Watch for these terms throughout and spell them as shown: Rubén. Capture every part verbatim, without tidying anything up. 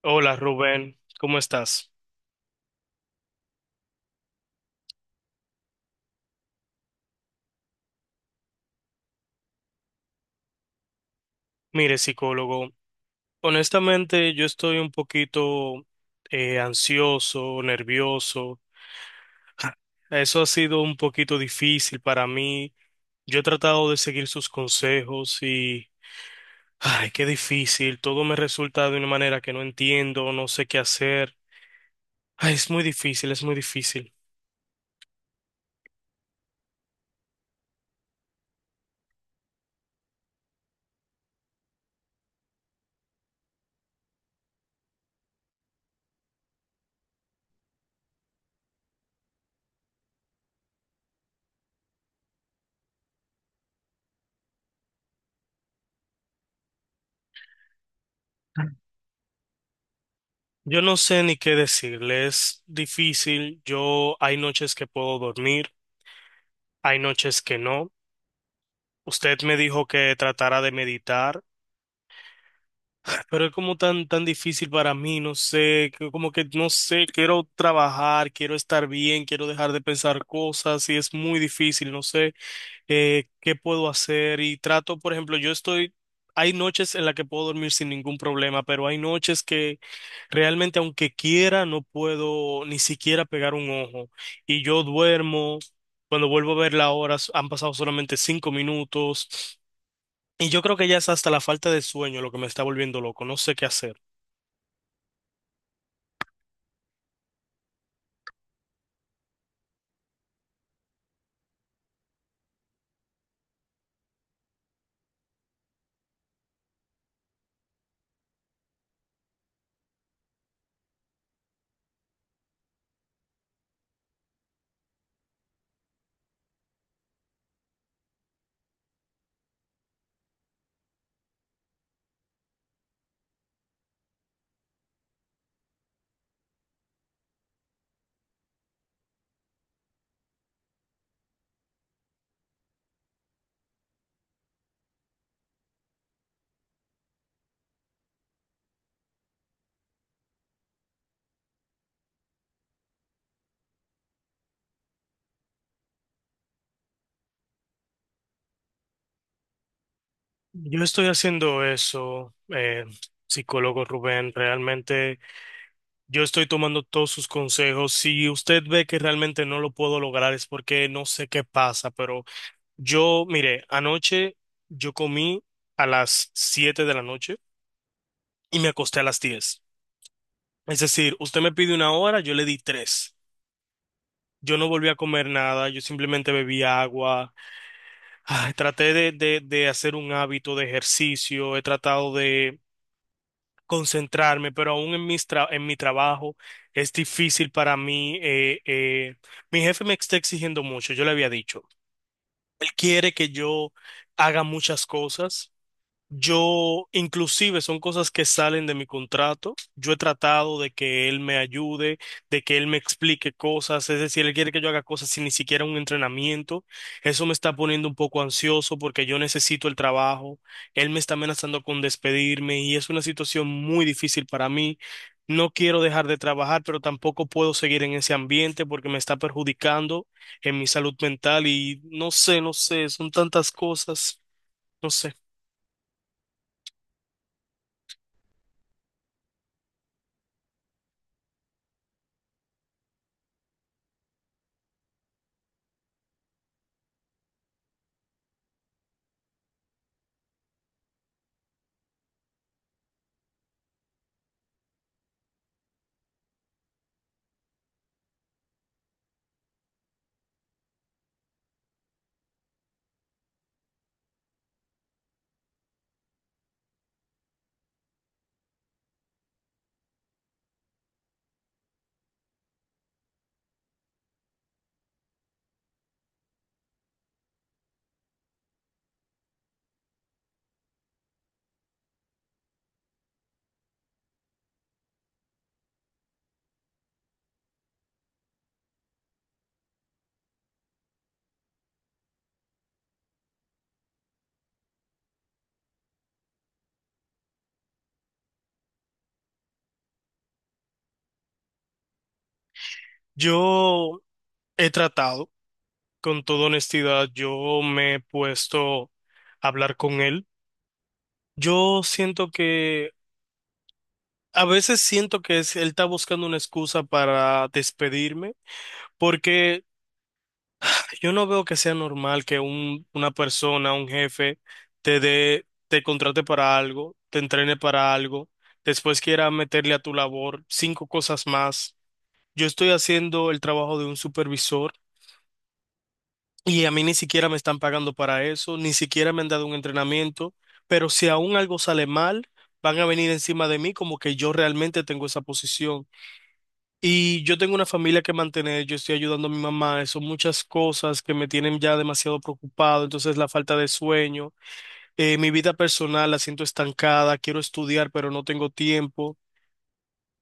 Hola Rubén, ¿cómo estás? Mire, psicólogo, honestamente yo estoy un poquito eh, ansioso, nervioso. Eso ha sido un poquito difícil para mí. Yo he tratado de seguir sus consejos y, ay, qué difícil. Todo me resulta de una manera que no entiendo, no sé qué hacer. Ay, es muy difícil, es muy difícil. Yo no sé ni qué decirle, es difícil. Yo hay noches que puedo dormir, hay noches que no. Usted me dijo que tratara de meditar, pero es como tan, tan difícil para mí, no sé, que como que no sé, quiero trabajar, quiero estar bien, quiero dejar de pensar cosas y es muy difícil, no sé eh, qué puedo hacer y trato, por ejemplo, yo estoy, hay noches en las que puedo dormir sin ningún problema, pero hay noches que realmente aunque quiera no puedo ni siquiera pegar un ojo y yo duermo, cuando vuelvo a ver la hora s- han pasado solamente cinco minutos. Y yo creo que ya es hasta la falta de sueño lo que me está volviendo loco, no sé qué hacer. Yo estoy haciendo eso, eh, psicólogo Rubén, realmente yo estoy tomando todos sus consejos. Si usted ve que realmente no lo puedo lograr es porque no sé qué pasa, pero yo, mire, anoche yo comí a las siete de la noche y me acosté a las diez. Es decir, usted me pide una hora, yo le di tres. Yo no volví a comer nada, yo simplemente bebí agua. Ay, traté de, de, de hacer un hábito de ejercicio, he tratado de concentrarme, pero aún en mis tra- en mi trabajo es difícil para mí. Eh, eh, mi jefe me está exigiendo mucho, yo le había dicho. Él quiere que yo haga muchas cosas. Yo, inclusive, son cosas que salen de mi contrato. Yo he tratado de que él me ayude, de que él me explique cosas. Es decir, él quiere que yo haga cosas sin ni siquiera un entrenamiento. Eso me está poniendo un poco ansioso porque yo necesito el trabajo. Él me está amenazando con despedirme y es una situación muy difícil para mí. No quiero dejar de trabajar, pero tampoco puedo seguir en ese ambiente porque me está perjudicando en mi salud mental y no sé, no sé, son tantas cosas, no sé. Yo He tratado, con toda honestidad, yo me he puesto a hablar con él. Yo siento que, a veces siento que es- él está buscando una excusa para despedirme, porque yo no veo que sea normal que un, una persona, un jefe, te dé, te contrate para algo, te entrene para algo, después quiera meterle a tu labor cinco cosas más. Yo estoy haciendo el trabajo de un supervisor. Y a mí ni siquiera me están pagando para eso, ni siquiera me han dado un entrenamiento, pero si aún algo sale mal, van a venir encima de mí como que yo realmente tengo esa posición. Y yo tengo una familia que mantener, yo estoy ayudando a mi mamá, eh, son muchas cosas que me tienen ya demasiado preocupado, entonces la falta de sueño, eh, mi vida personal la siento estancada, quiero estudiar, pero no tengo tiempo.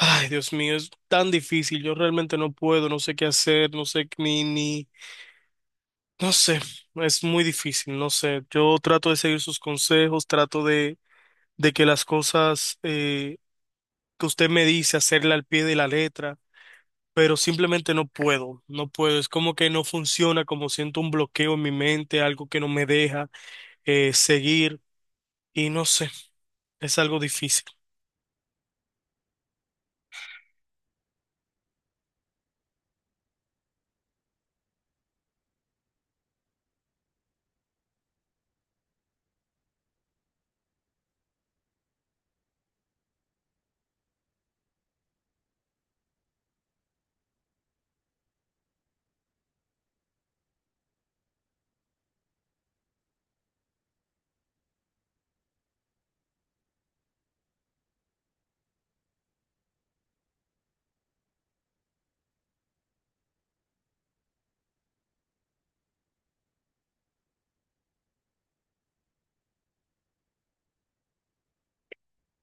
Ay, Dios mío, es tan difícil, yo realmente no puedo, no sé qué hacer, no sé ni, ni No sé, es muy difícil, no sé. Yo trato de seguir sus consejos, trato de, de que las cosas eh, que usted me dice, hacerle al pie de la letra, pero simplemente no puedo, no puedo. Es como que no funciona, como siento un bloqueo en mi mente, algo que no me deja eh, seguir y no sé, es algo difícil.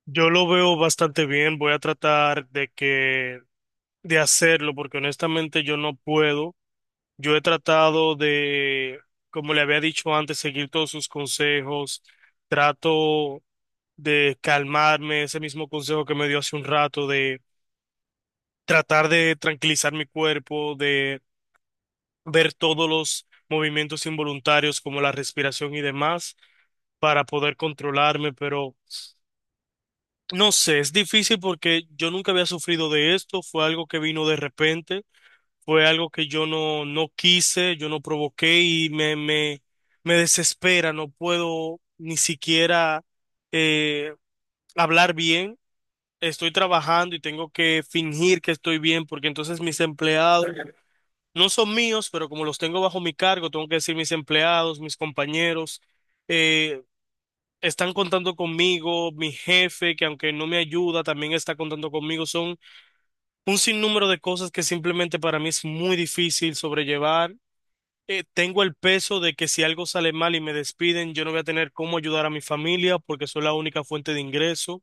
Yo lo veo bastante bien, voy a tratar de que de hacerlo porque honestamente yo no puedo. Yo he tratado de, como le había dicho antes, seguir todos sus consejos. Trato de calmarme, ese mismo consejo que me dio hace un rato, de tratar de tranquilizar mi cuerpo, de ver todos los movimientos involuntarios como la respiración y demás para poder controlarme, pero no sé, es difícil porque yo nunca había sufrido de esto, fue algo que vino de repente, fue algo que yo no, no quise, yo no provoqué y me, me, me desespera, no puedo ni siquiera eh, hablar bien. Estoy trabajando y tengo que fingir que estoy bien porque entonces mis empleados no son míos, pero como los tengo bajo mi cargo, tengo que decir mis empleados, mis compañeros. eh, Están contando conmigo, mi jefe, que aunque no me ayuda, también está contando conmigo. Son un sinnúmero de cosas que simplemente para mí es muy difícil sobrellevar. Eh, tengo el peso de que si algo sale mal y me despiden, yo no voy a tener cómo ayudar a mi familia porque soy la única fuente de ingreso.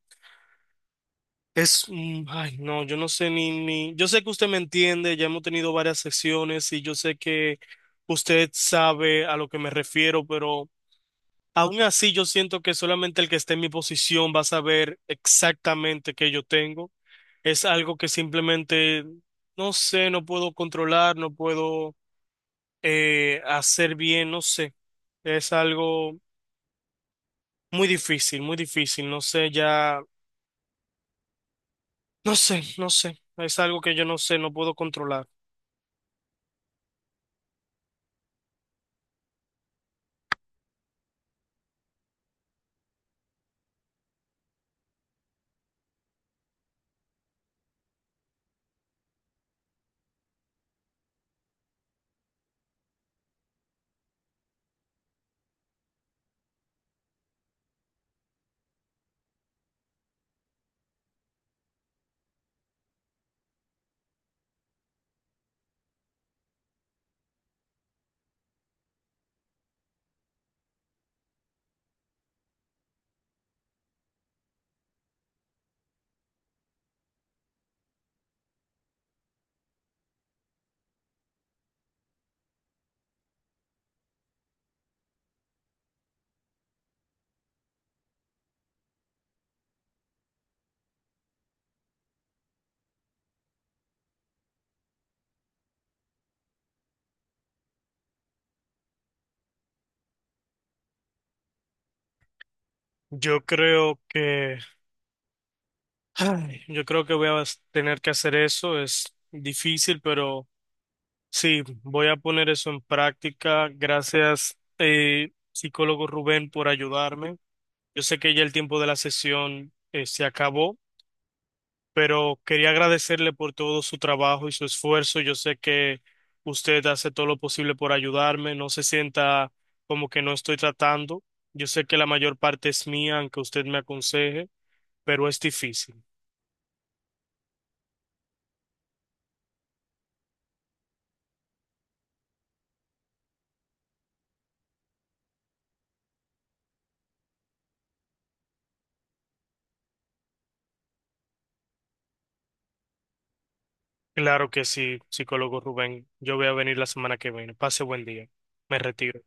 Es, un- ay, no, yo no sé ni, ni, yo sé que usted me entiende, ya hemos tenido varias sesiones y yo sé que usted sabe a lo que me refiero, pero... Aún así, yo siento que solamente el que esté en mi posición va a saber exactamente qué yo tengo. Es algo que simplemente, no sé, no puedo controlar, no puedo eh, hacer bien, no sé. Es algo muy difícil, muy difícil, no sé, ya, no sé, no sé. Es algo que yo no sé, no puedo controlar. Yo creo que, ay, yo creo que voy a tener que hacer eso. Es difícil, pero... Sí, voy a poner eso en práctica. Gracias, eh, psicólogo Rubén, por ayudarme. Yo sé que ya el tiempo de la sesión eh, se acabó, pero quería agradecerle por todo su trabajo y su esfuerzo. Yo sé que usted hace todo lo posible por ayudarme. No se sienta como que no estoy tratando. Yo sé que la mayor parte es mía, aunque usted me aconseje, pero es difícil. Claro que sí, psicólogo Rubén. Yo voy a venir la semana que viene. Pase buen día. Me retiro.